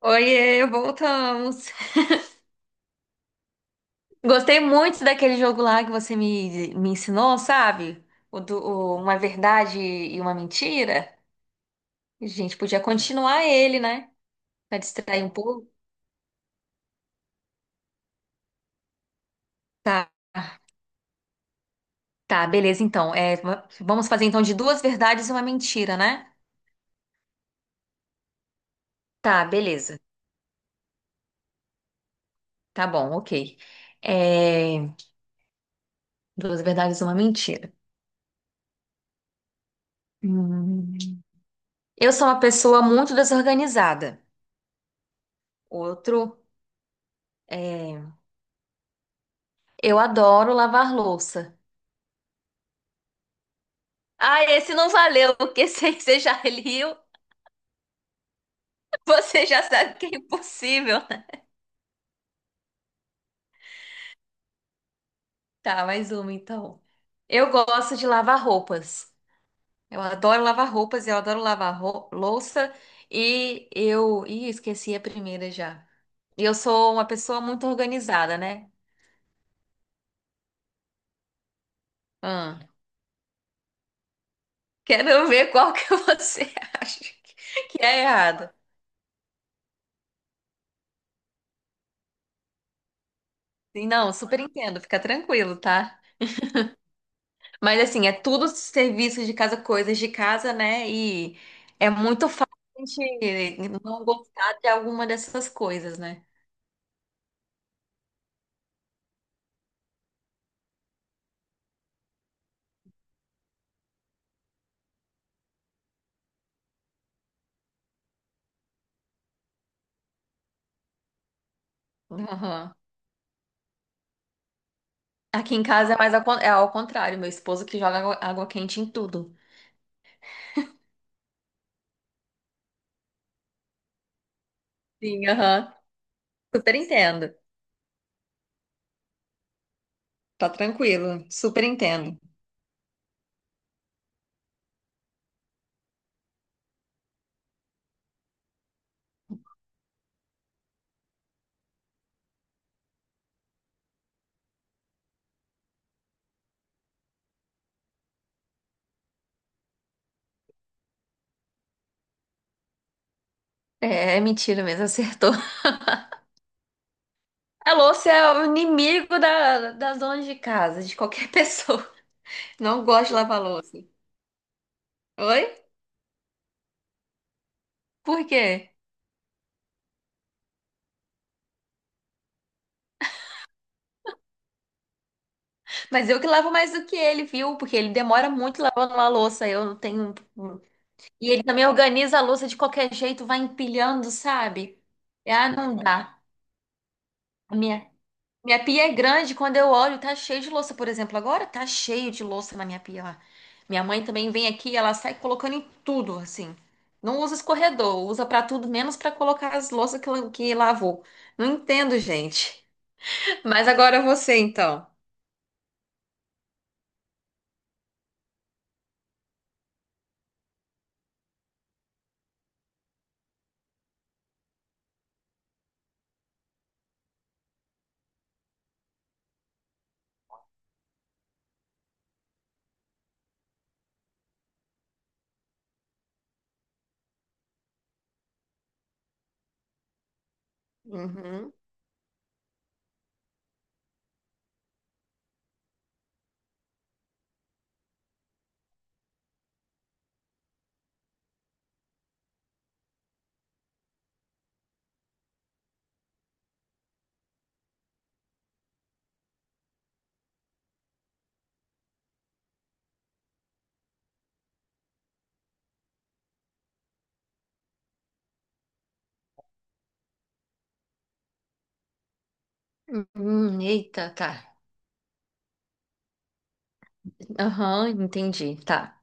Oiê, voltamos. Gostei muito daquele jogo lá que você me ensinou, sabe? Uma verdade e uma mentira. A gente podia continuar ele, né? Pra distrair um pouco. Tá, tá, beleza, então. Vamos fazer então de duas verdades e uma mentira, né? Tá, beleza. Tá bom, ok. É, Duas verdades e uma mentira. Hum. Eu sou uma pessoa muito desorganizada. Outro, é, eu adoro lavar louça. Ah, esse não valeu, porque se você já leu, você já sabe que é impossível, né? Tá, mais uma então. Eu gosto de lavar roupas. Eu adoro lavar roupas, eu adoro louça e eu. Ih, esqueci a primeira já. E eu sou uma pessoa muito organizada, né? Hum. Quero ver qual que você acha que é errado. Sim, não, super entendo, fica tranquilo, tá? Mas assim, é tudo serviço de casa, coisas de casa, né? E é muito fácil a gente não gostar de alguma dessas coisas, né? Aham. Aqui em casa é mais é ao contrário, meu esposo que joga água quente em tudo. Sim, aham. Super entendo. Tá tranquilo, super entendo. É, é mentira mesmo, acertou. A louça é o inimigo da zona de casa, de qualquer pessoa. Não gosto de lavar louça. Oi? Por quê? Mas eu que lavo mais do que ele, viu? Porque ele demora muito lavando a louça. Eu não tenho. Um, e ele também organiza a louça de qualquer jeito, vai empilhando, sabe? Ah, não dá. A Minha, Minha pia é grande, quando eu olho, tá cheio de louça, por exemplo. Agora tá cheio de louça na minha pia lá. Minha mãe também vem aqui, ela sai colocando em tudo, assim. Não usa escorredor, usa pra tudo, menos pra colocar as louças que lavou. Não entendo, gente. Mas agora você, então. Uhum. Eita, tá. Aham, entendi. Tá.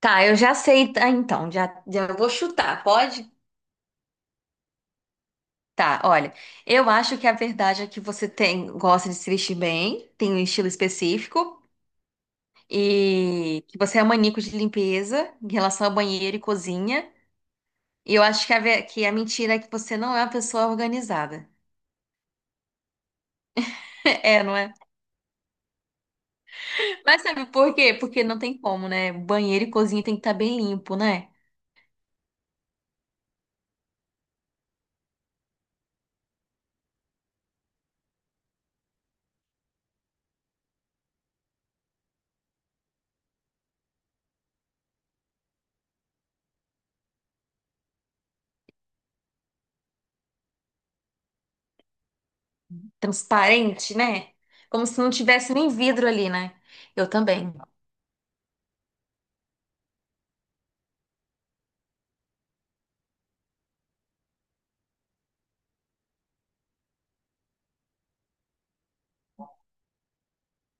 Tá, eu já sei. Tá, então, já vou chutar, pode? Tá, olha. Eu acho que a verdade é que você tem, gosta de se vestir bem, tem um estilo específico, e que você é maníaco de limpeza em relação ao banheiro e cozinha. E eu acho que que a mentira é que você não é uma pessoa organizada. É, não é? Mas sabe por quê? Porque não tem como, né? Banheiro e cozinha tem que estar bem limpo, né? Transparente, né? Como se não tivesse nem vidro ali, né? Eu também.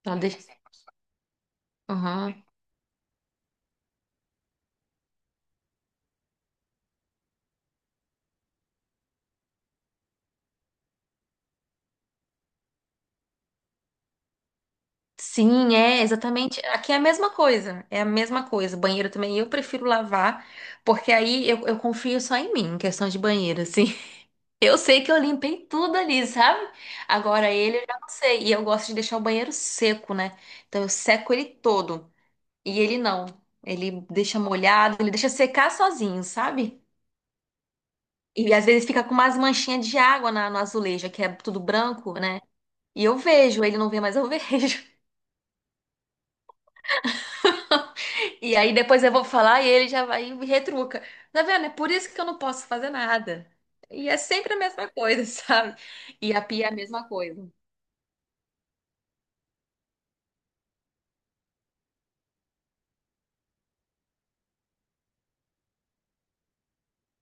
Ela deixa... Aham. Sim, é exatamente. Aqui é a mesma coisa. É a mesma coisa. Banheiro também eu prefiro lavar, porque aí eu confio só em mim, em questão de banheiro, assim. Eu sei que eu limpei tudo ali, sabe? Agora ele eu já não sei. E eu gosto de deixar o banheiro seco, né? Então eu seco ele todo. E ele não. Ele deixa molhado, ele deixa secar sozinho, sabe? E às vezes fica com umas manchinhas de água no azulejo, que é tudo branco, né? E eu vejo, ele não vê, mas eu vejo. E aí depois eu vou falar e ele já vai e me retruca. Tá vendo? É por isso que eu não posso fazer nada. E é sempre a mesma coisa, sabe? E a pia é a mesma coisa.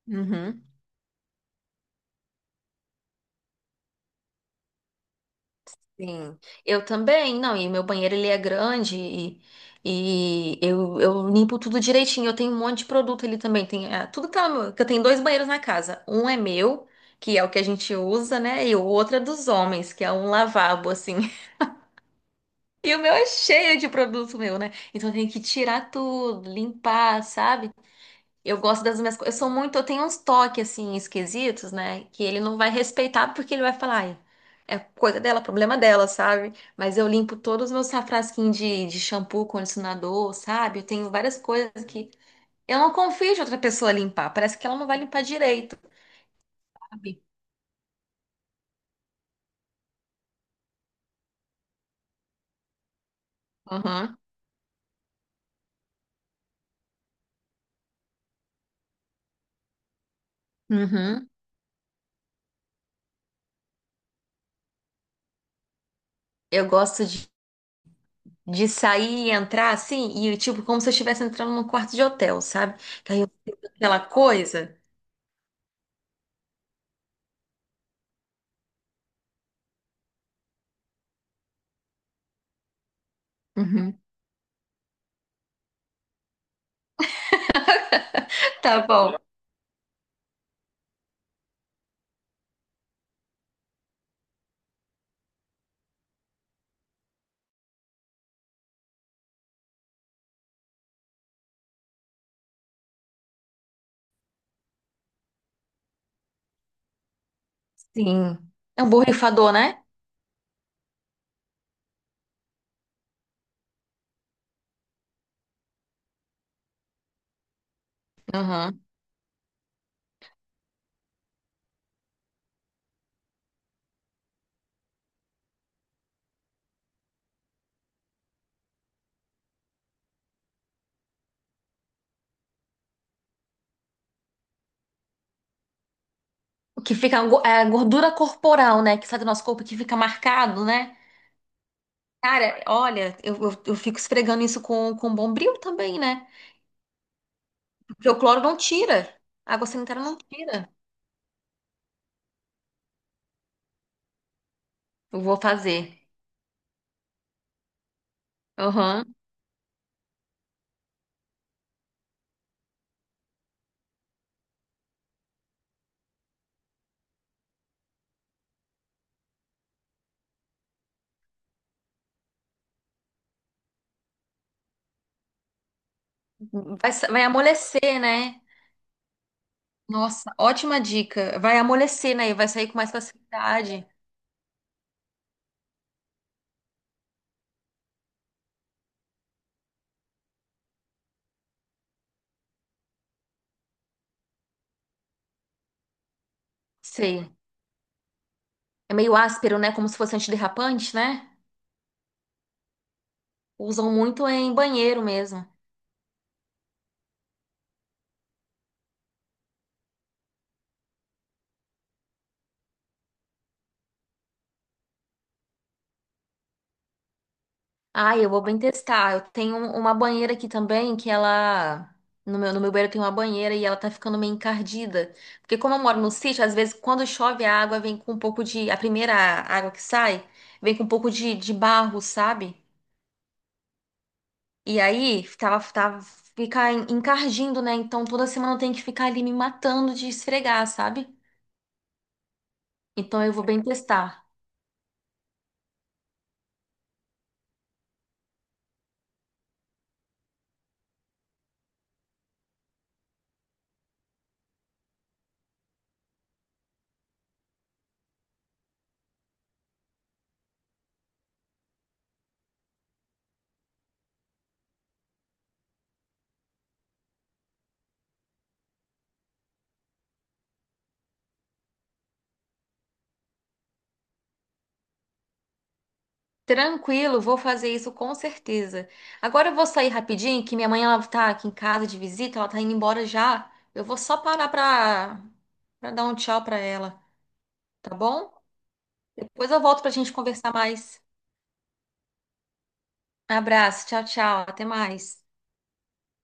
Uhum. Sim, eu também, não, e meu banheiro ele é grande e eu limpo tudo direitinho, eu tenho um monte de produto ali também, tem, ah, tudo tá, no- que eu tenho dois banheiros na casa, um é meu, que é o que a gente usa, né, e o outro é dos homens, que é um lavabo, assim. E o meu é cheio de produto meu, né? Então eu tenho que tirar tudo, limpar, sabe? Eu gosto das minhas coisas. Eu sou muito, eu tenho uns toques assim esquisitos, né? Que ele não vai respeitar porque ele vai falar, "Ai, é coisa dela, problema dela", sabe? Mas eu limpo todos os meus safrasquinhos de shampoo, condicionador, sabe? Eu tenho várias coisas que eu não confio de outra pessoa limpar. Parece que ela não vai limpar direito, sabe? Uhum. Uhum. Eu gosto de sair e entrar assim, e tipo, como se eu estivesse entrando num quarto de hotel, sabe? Que aí eu sinto aquela coisa. Uhum. Tá bom. Sim. É um borrifador, né? Uhum. O que fica é a gordura corporal, né? Que sai do nosso corpo, que fica marcado, né? Cara, olha, eu fico esfregando isso com Bombril também, né? Porque o cloro não tira. A água sanitária não tira. Eu vou fazer. Uhum. Vai amolecer, né? Nossa, ótima dica. Vai amolecer, né? E vai sair com mais facilidade. Sei. É meio áspero, né? Como se fosse antiderrapante, né? Usam muito em banheiro mesmo. Ah, eu vou bem testar. Eu tenho uma banheira aqui também que ela. No no meu banheiro tem uma banheira e ela tá ficando meio encardida. Porque como eu moro no sítio, às vezes quando chove a água vem com um pouco de. A primeira água que sai vem com um pouco de barro, sabe? E aí, fica encardindo, né? Então toda semana eu tenho que ficar ali me matando de esfregar, sabe? Então eu vou bem testar. Tranquilo, vou fazer isso com certeza. Agora eu vou sair rapidinho, que minha mãe ela tá aqui em casa de visita, ela tá indo embora já. Eu vou só parar pra dar um tchau pra ela, tá bom? Depois eu volto pra gente conversar mais. Abraço, tchau, tchau, até mais.